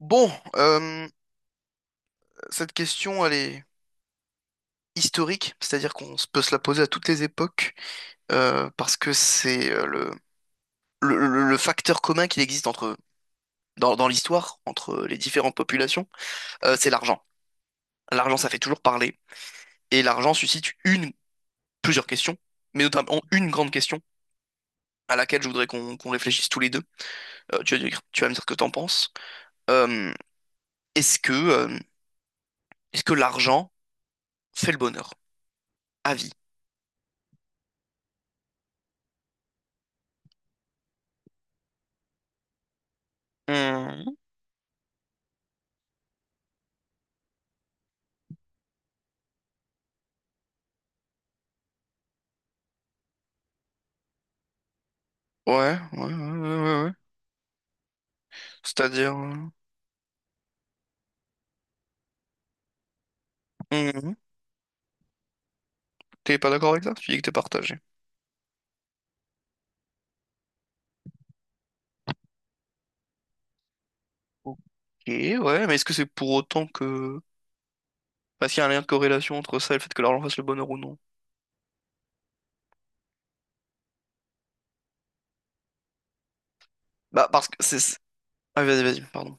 Bon, cette question, elle est historique, c'est-à-dire peut se la poser à toutes les époques, parce que c'est le facteur commun qu'il existe dans l'histoire, entre les différentes populations, c'est l'argent. L'argent, ça fait toujours parler, et l'argent suscite plusieurs questions, mais notamment une grande question à laquelle je voudrais qu'on réfléchisse tous les deux. Tu vas me dire ce que t'en penses. Euh, est-ce que, euh, est-ce que l'argent fait le bonheur? À vie. Hmm. Ouais, ouais, ouais, ouais, ouais. C'est-à-dire. Mhm. T'es pas d'accord avec ça? Tu dis que t'es partagé. Ok, ouais, mais est-ce que c'est pour autant que... Parce qu'il y a un lien de corrélation entre ça et le fait que l'argent fasse le bonheur ou non? Bah, parce que c'est... Ah, vas-y, vas-y, pardon.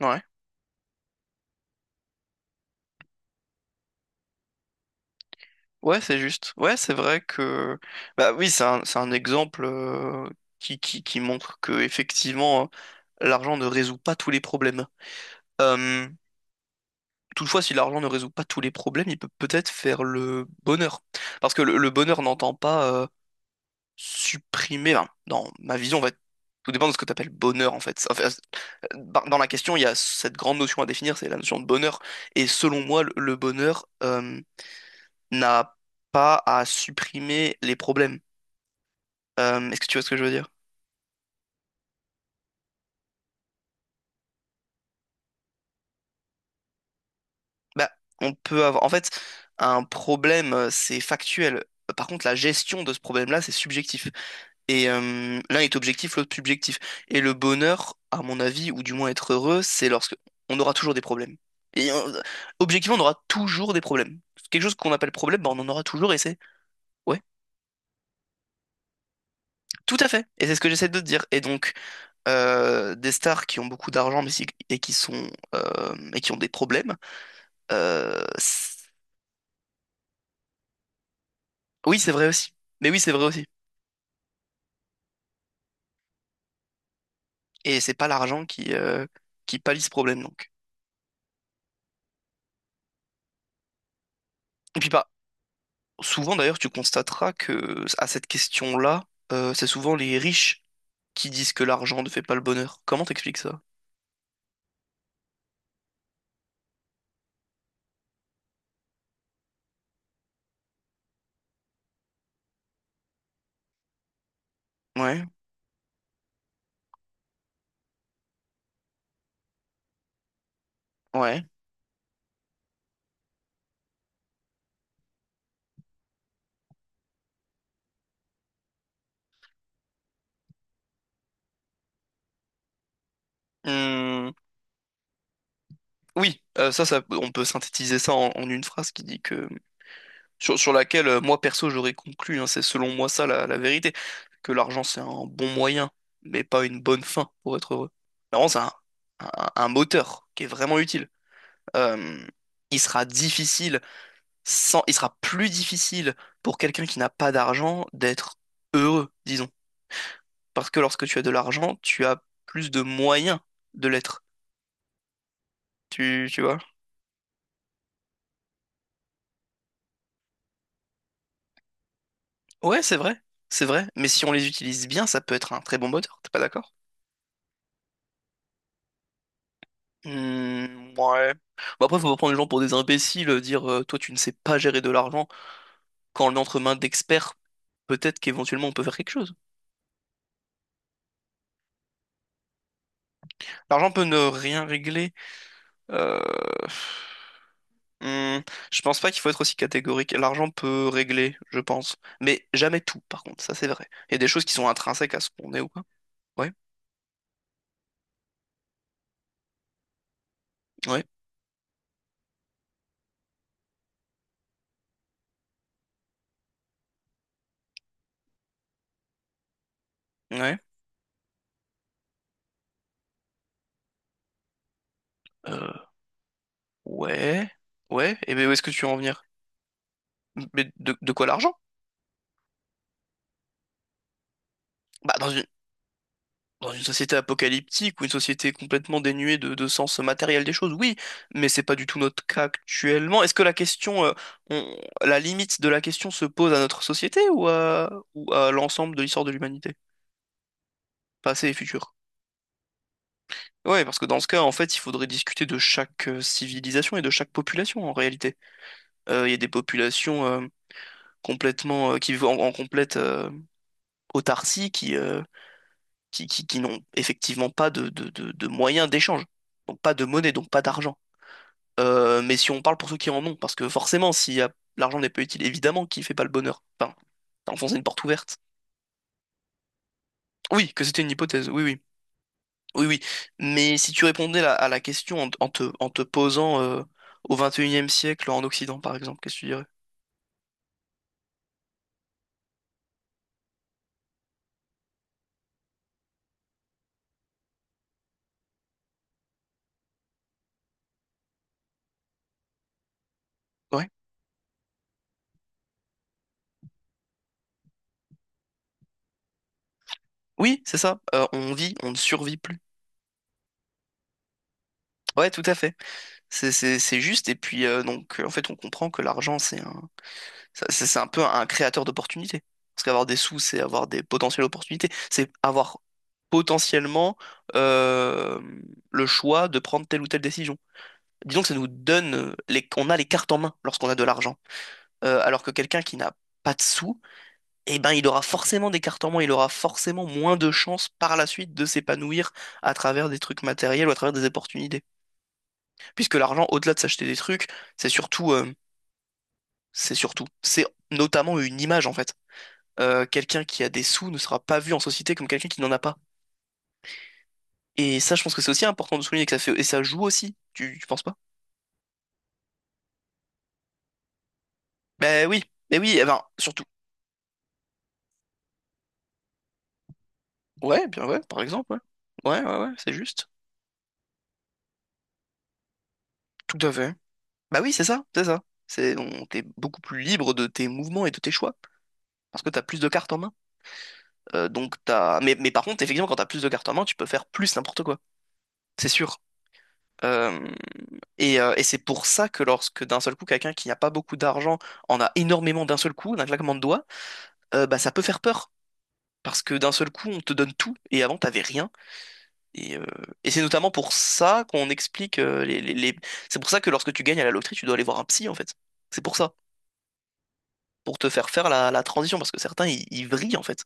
Ouais. Ouais, c'est juste. Ouais, c'est vrai que... Bah oui, c'est un exemple qui montre que, effectivement, l'argent ne résout pas tous les problèmes. Euh, toutefois, si l'argent ne résout pas tous les problèmes, il peut peut-être faire le bonheur. Parce que le bonheur n'entend pas supprimer, enfin, dans ma vision, en fait, tout dépend de ce que tu appelles bonheur, en fait. Enfin, dans la question, il y a cette grande notion à définir, c'est la notion de bonheur. Et selon moi, le bonheur n'a pas à supprimer les problèmes. Est-ce que tu vois ce que je veux dire? Bah, on peut avoir. En fait, un problème, c'est factuel. Par contre, la gestion de ce problème-là, c'est subjectif. L'un est objectif, l'autre subjectif. Et le bonheur, à mon avis, ou du moins être heureux, c'est lorsque on aura toujours des problèmes. Et euh, objectivement, on aura toujours des problèmes. Quelque chose qu'on appelle problème, bah, on en aura toujours et c'est... Ouais, tout à fait. Et c'est ce que j'essaie de te dire. Et donc, des stars qui ont beaucoup d'argent et qui sont et qui ont des problèmes, euh, c'est- oui, c'est vrai aussi. Mais oui, c'est vrai aussi. Et c'est pas l'argent qui pallie ce problème, donc. Et puis par Souvent, d'ailleurs, tu constateras que à cette question-là, c'est souvent les riches qui disent que l'argent ne fait pas le bonheur. Comment t'expliques ça? Ouais, ouais. Hmm, Oui, ça, ça, on peut synthétiser ça en une phrase qui dit que sur laquelle moi perso j'aurais conclu, hein, c'est selon moi ça la vérité, que l'argent c'est un bon moyen, mais pas une bonne fin pour être heureux. L'argent c'est un moteur qui est vraiment utile. Euh, il sera difficile sans, il sera plus difficile pour quelqu'un qui n'a pas d'argent d'être heureux, disons. Parce que lorsque tu as de l'argent, tu as plus de moyens de l'être. Tu vois? Ouais, c'est vrai, c'est vrai. Mais si on les utilise bien, ça peut être un très bon moteur. T'es pas d'accord? Hmm, ouais. Bon après, faut pas prendre les gens pour des imbéciles, dire toi tu ne sais pas gérer de l'argent quand on est entre mains d'experts. Peut-être qu'éventuellement on peut faire quelque chose. L'argent peut ne rien régler. Euh... Hmm, je pense pas qu'il faut être aussi catégorique. L'argent peut régler, je pense. Mais jamais tout, par contre, ça c'est vrai. Il y a des choses qui sont intrinsèques à ce qu'on est ou pas. Ouais, ouais, ouais. Euh, ouais, ouais. Et ben où est-ce que tu veux en venir? Mais de quoi l'argent? Bah dans une société apocalyptique ou une société complètement dénuée de sens matériel des choses, oui. Mais c'est pas du tout notre cas actuellement. Est-ce que la question, on- la limite de la question se pose à notre société ou ou à l'ensemble de l'histoire de l'humanité? Passé et futur. Ouais, parce que dans ce cas, en fait, il faudrait discuter de chaque civilisation et de chaque population en réalité. Il y a des populations complètement qui vivent en complète autarcie, qui n'ont effectivement pas de moyens d'échange, donc pas de monnaie, donc pas d'argent. Mais si on parle pour ceux qui en ont, parce que forcément, si l'argent n'est pas utile, évidemment qu'il fait pas le bonheur. Enfin, t'as enfoncé une porte ouverte. Oui, que c'était une hypothèse. Oui, oui. Oui, oui. Mais si tu répondais à la question en te posant au 21e siècle en Occident, par exemple, qu'est-ce que tu dirais? Ouais. Oui, c'est ça. On vit, on ne survit plus. Ouais, tout à fait. C'est juste. Et puis, donc, en fait, on comprend que l'argent, c'est un peu un créateur d'opportunités. Parce qu'avoir des sous, c'est avoir des potentielles opportunités. C'est avoir potentiellement euh, le choix de prendre telle ou telle décision. Disons que ça nous donne, on a les cartes en main lorsqu'on a de l'argent. Alors que quelqu'un qui n'a pas de sous, eh ben, il aura forcément des cartes en main, il aura forcément moins de chances par la suite de s'épanouir à travers des trucs matériels ou à travers des opportunités. Puisque l'argent, au-delà de s'acheter des trucs, c'est surtout, euh, c'est notamment une image en fait. Quelqu'un qui a des sous ne sera pas vu en société comme quelqu'un qui n'en a pas. Et ça, je pense que c'est aussi important de souligner que ça fait, et ça joue aussi. Tu penses pas? Ben oui, ben oui, eh ben, surtout, ouais, bien ouais, par exemple, ouais. Ouais, ouais, ouais, c'est juste. Tout à fait. Bah oui, c'est ça, c'est ça. T'es beaucoup plus libre de tes mouvements et de tes choix, parce que t'as plus de cartes en main. Mais par contre, effectivement, quand t'as plus de cartes en main, tu peux faire plus n'importe quoi, c'est sûr. Euh, et c'est pour ça que lorsque d'un seul coup, quelqu'un qui n'a pas beaucoup d'argent en a énormément d'un seul coup, d'un claquement de doigts, bah ça peut faire peur. Parce que d'un seul coup, on te donne tout, et avant, t'avais rien. Et, euh, et c'est notamment pour ça qu'on explique C'est pour ça que lorsque tu gagnes à la loterie, tu dois aller voir un psy, en fait. C'est pour ça. Pour te faire faire la transition, parce que certains, ils vrillent, en fait.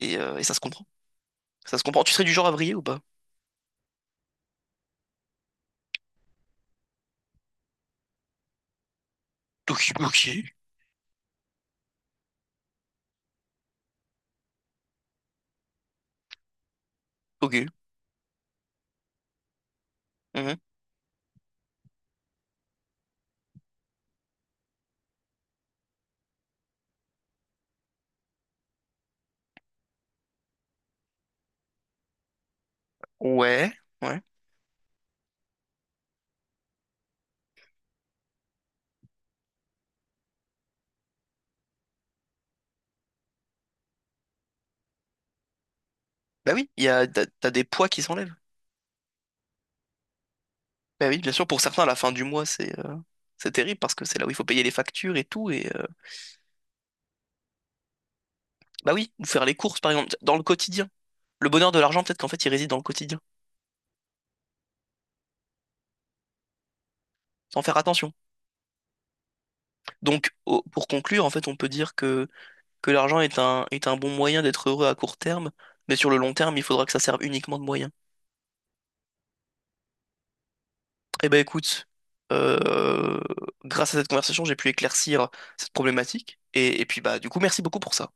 Et ça se comprend. Ça se comprend. Tu serais du genre à vriller ou pas? Ok, ok, ok. Mhm. Ouais, ouais. Bah oui, il y a, t'as des poids qui s'enlèvent. Bah oui, bien sûr, pour certains, à la fin du mois, c'est terrible, parce que c'est là où il faut payer les factures et tout. Bah oui, ou faire les courses, par exemple, dans le quotidien. Le bonheur de l'argent, peut-être qu'en fait, il réside dans le quotidien, sans faire attention. Donc, pour conclure, en fait, on peut dire que l'argent est un bon moyen d'être heureux à court terme, mais sur le long terme, il faudra que ça serve uniquement de moyen. Eh ben, écoute, euh, grâce à cette conversation, j'ai pu éclaircir cette problématique, et puis, bah, du coup, merci beaucoup pour ça.